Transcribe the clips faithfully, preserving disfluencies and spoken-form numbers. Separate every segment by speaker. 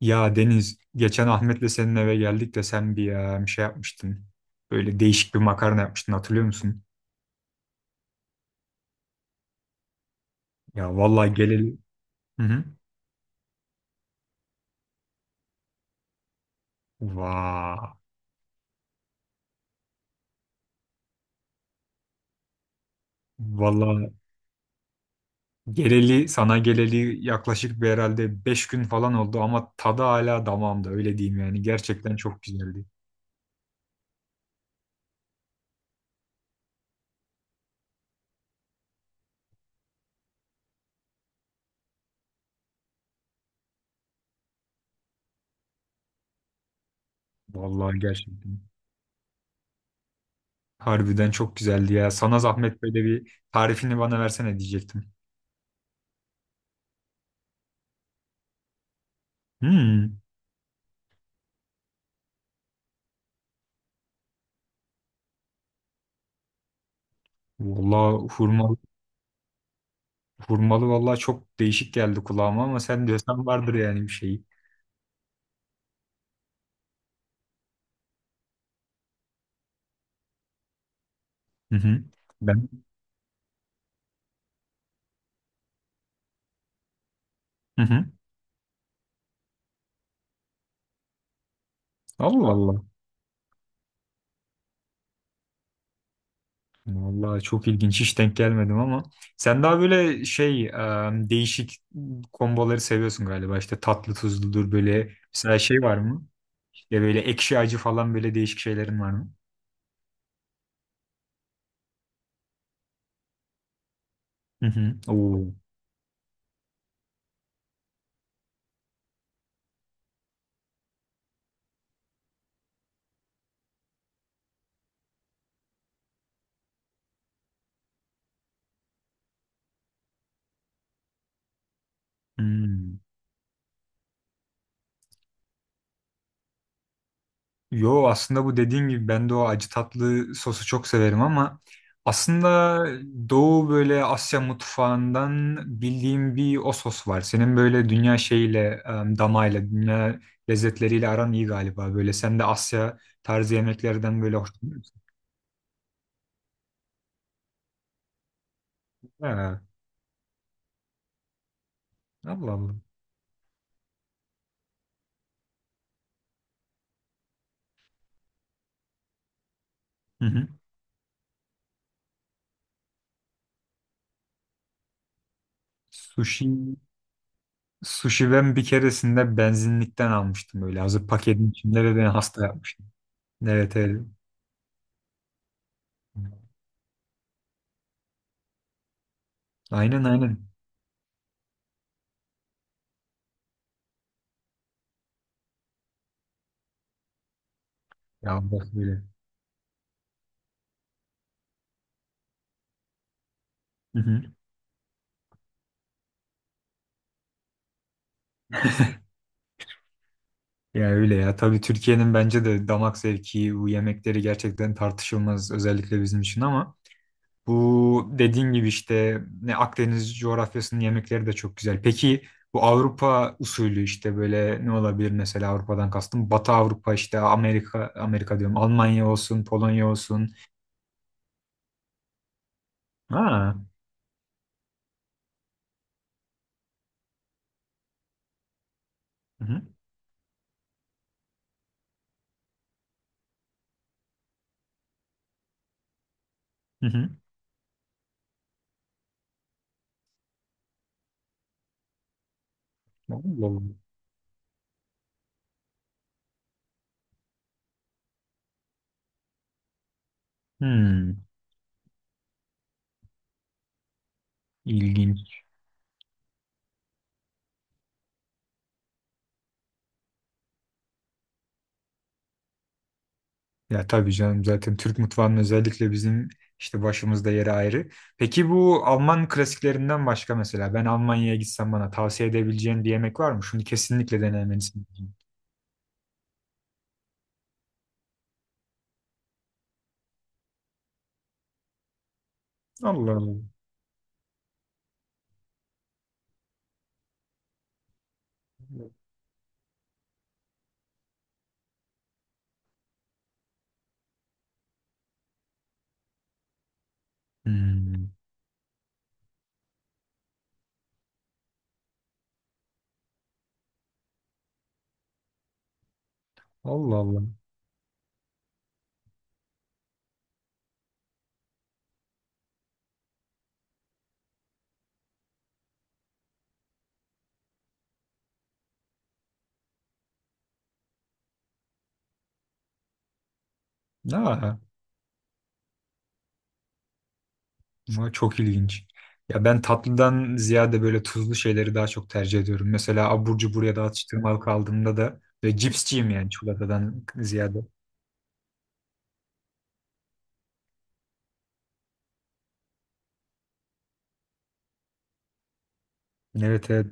Speaker 1: Ya Deniz, geçen Ahmet'le senin eve geldik de sen bir ya bir şey yapmıştın. Böyle değişik bir makarna yapmıştın, hatırlıyor musun? Ya vallahi geleli... Hı hı. Vaa. Vallahi geleli sana geleli yaklaşık bir, herhalde beş gün falan oldu ama tadı hala damağımda, öyle diyeyim yani. Gerçekten çok güzeldi. Vallahi gerçekten. Harbiden çok güzeldi ya. Sana zahmet, böyle bir tarifini bana versene diyecektim. Hmm. Vallahi hurma. Hurmalı vallahi çok değişik geldi kulağıma ama sen diyorsan vardır yani bir şeyi. Hı hı. Ben, hı hı. Allah Allah. Vallahi çok ilginç, hiç denk gelmedim ama sen daha böyle şey e, değişik komboları seviyorsun galiba. İşte tatlı tuzludur, böyle mesela şey var mı? İşte böyle ekşi acı falan, böyle değişik şeylerin var mı? Hı hı. Oo. Hmm. Yo, aslında bu dediğin gibi ben de o acı tatlı sosu çok severim ama aslında Doğu, böyle Asya mutfağından bildiğim bir o sos var. Senin böyle dünya şeyiyle, em, damağıyla, dünya lezzetleriyle aran iyi galiba. Böyle sen de Asya tarzı yemeklerden böyle hoşlanıyorsun. Ha, Allah Allah. Hı hı. Sushi, sushi ben bir keresinde benzinlikten almıştım, böyle hazır paketin içinde, ve beni hasta yapmıştı. Evet evet. Aynen aynen. Ya bak böyle. Hı hı. Ya öyle ya. Tabii Türkiye'nin bence de damak zevki, bu yemekleri gerçekten tartışılmaz, özellikle bizim için, ama bu dediğin gibi işte ne Akdeniz coğrafyasının yemekleri de çok güzel. Peki bu Avrupa usulü işte böyle ne olabilir, mesela Avrupa'dan kastım? Batı Avrupa, işte Amerika Amerika diyorum. Almanya olsun, Polonya olsun. Ha. Hı hı. Hı hı. Allah Allah. Hmm. İlginç. Ya tabii canım, zaten Türk mutfağının özellikle bizim işte başımızda yeri ayrı. Peki bu Alman klasiklerinden başka mesela, ben Almanya'ya gitsem bana tavsiye edebileceğin bir yemek var mı? Şunu kesinlikle denemelisin. Allah Allah. Hmm. Allah Allah. Aa, bu çok ilginç. Ya ben tatlıdan ziyade böyle tuzlu şeyleri daha çok tercih ediyorum. Mesela abur cubur ya da atıştırmalık aldığımda da, ve cipsçiyim yani, çikolatadan ziyade. Evet evet.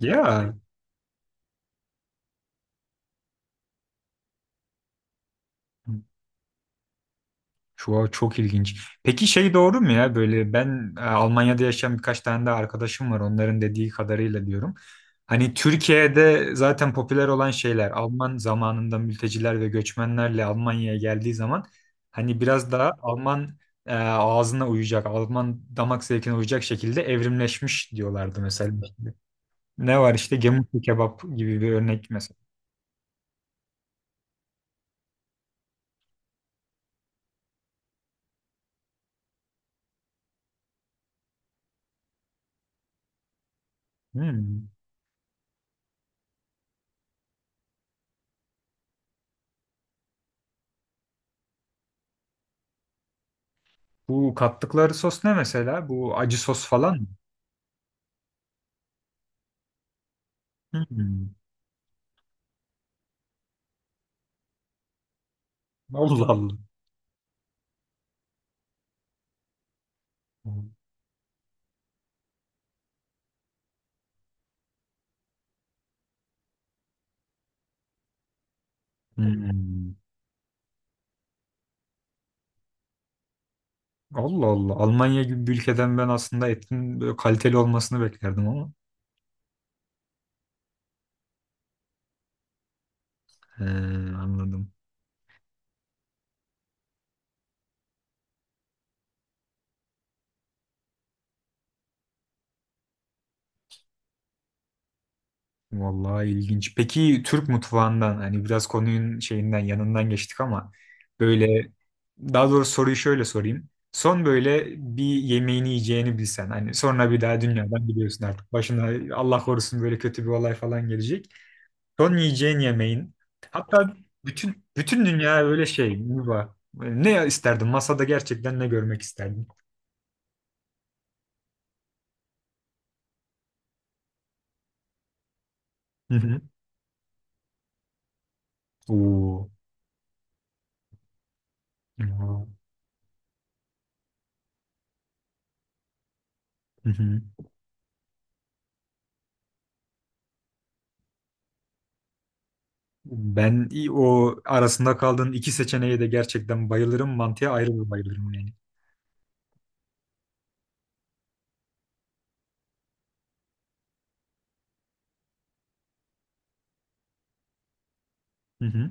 Speaker 1: Ya. Çok, çok ilginç. Peki şey doğru mu ya, böyle ben e, Almanya'da yaşayan birkaç tane de arkadaşım var, onların dediği kadarıyla diyorum. Hani Türkiye'de zaten popüler olan şeyler Alman zamanında mülteciler ve göçmenlerle Almanya'ya geldiği zaman, hani biraz daha Alman e, ağzına uyacak, Alman damak zevkine uyacak şekilde evrimleşmiş diyorlardı mesela. İşte ne var işte gemutlu kebap gibi bir örnek mesela. Hmm. Bu kattıkları sos ne mesela? Bu acı sos falan mı? Hmm. Allah Allah. Hmm. Allah Allah. Almanya gibi bir ülkeden ben aslında etin böyle kaliteli olmasını beklerdim ama. He, anladım. Vallahi ilginç. Peki Türk mutfağından, hani biraz konunun şeyinden yanından geçtik ama, böyle, daha doğrusu soruyu şöyle sorayım. Son böyle bir yemeğini yiyeceğini bilsen, hani sonra bir daha dünyadan, biliyorsun artık başına Allah korusun böyle kötü bir olay falan gelecek. Son yiyeceğin yemeğin. Hatta bütün bütün dünya öyle şey, yuva. Ne isterdin? Masada gerçekten ne görmek isterdin? Hı hı. Oo. Oo. Hı hı. Ben i- o arasında kaldığın iki seçeneğe de gerçekten bayılırım. Mantıya ayrı bir bayılırım yani. Hı hı.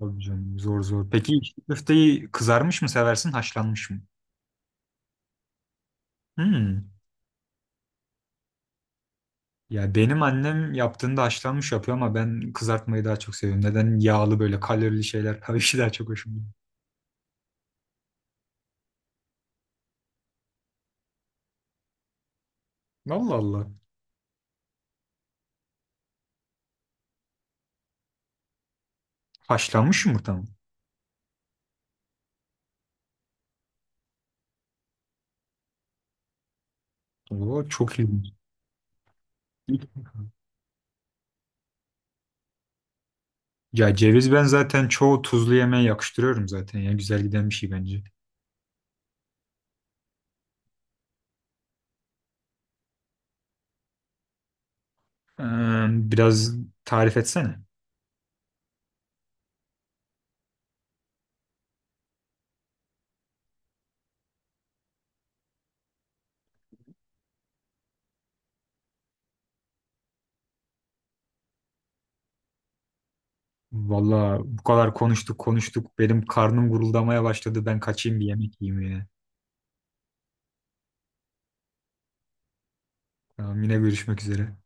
Speaker 1: Tabii canım, zor zor. Peki içli köfteyi kızarmış mı seversin, haşlanmış mı? Hmm. Ya benim annem yaptığında haşlanmış yapıyor ama ben kızartmayı daha çok seviyorum. Neden, yağlı böyle kalorili şeyler tabii ki daha çok hoşuma gidiyor. Allah Allah. Haşlanmış yumurta mı? Oo, çok ilginç. Ya ceviz, ben zaten çoğu tuzlu yemeğe yakıştırıyorum zaten ya. Güzel giden bir şey bence. Ee, Biraz tarif etsene. Valla bu kadar konuştuk konuştuk. Benim karnım guruldamaya başladı. Ben kaçayım, bir yemek yiyeyim yine. Tamam, yine görüşmek üzere.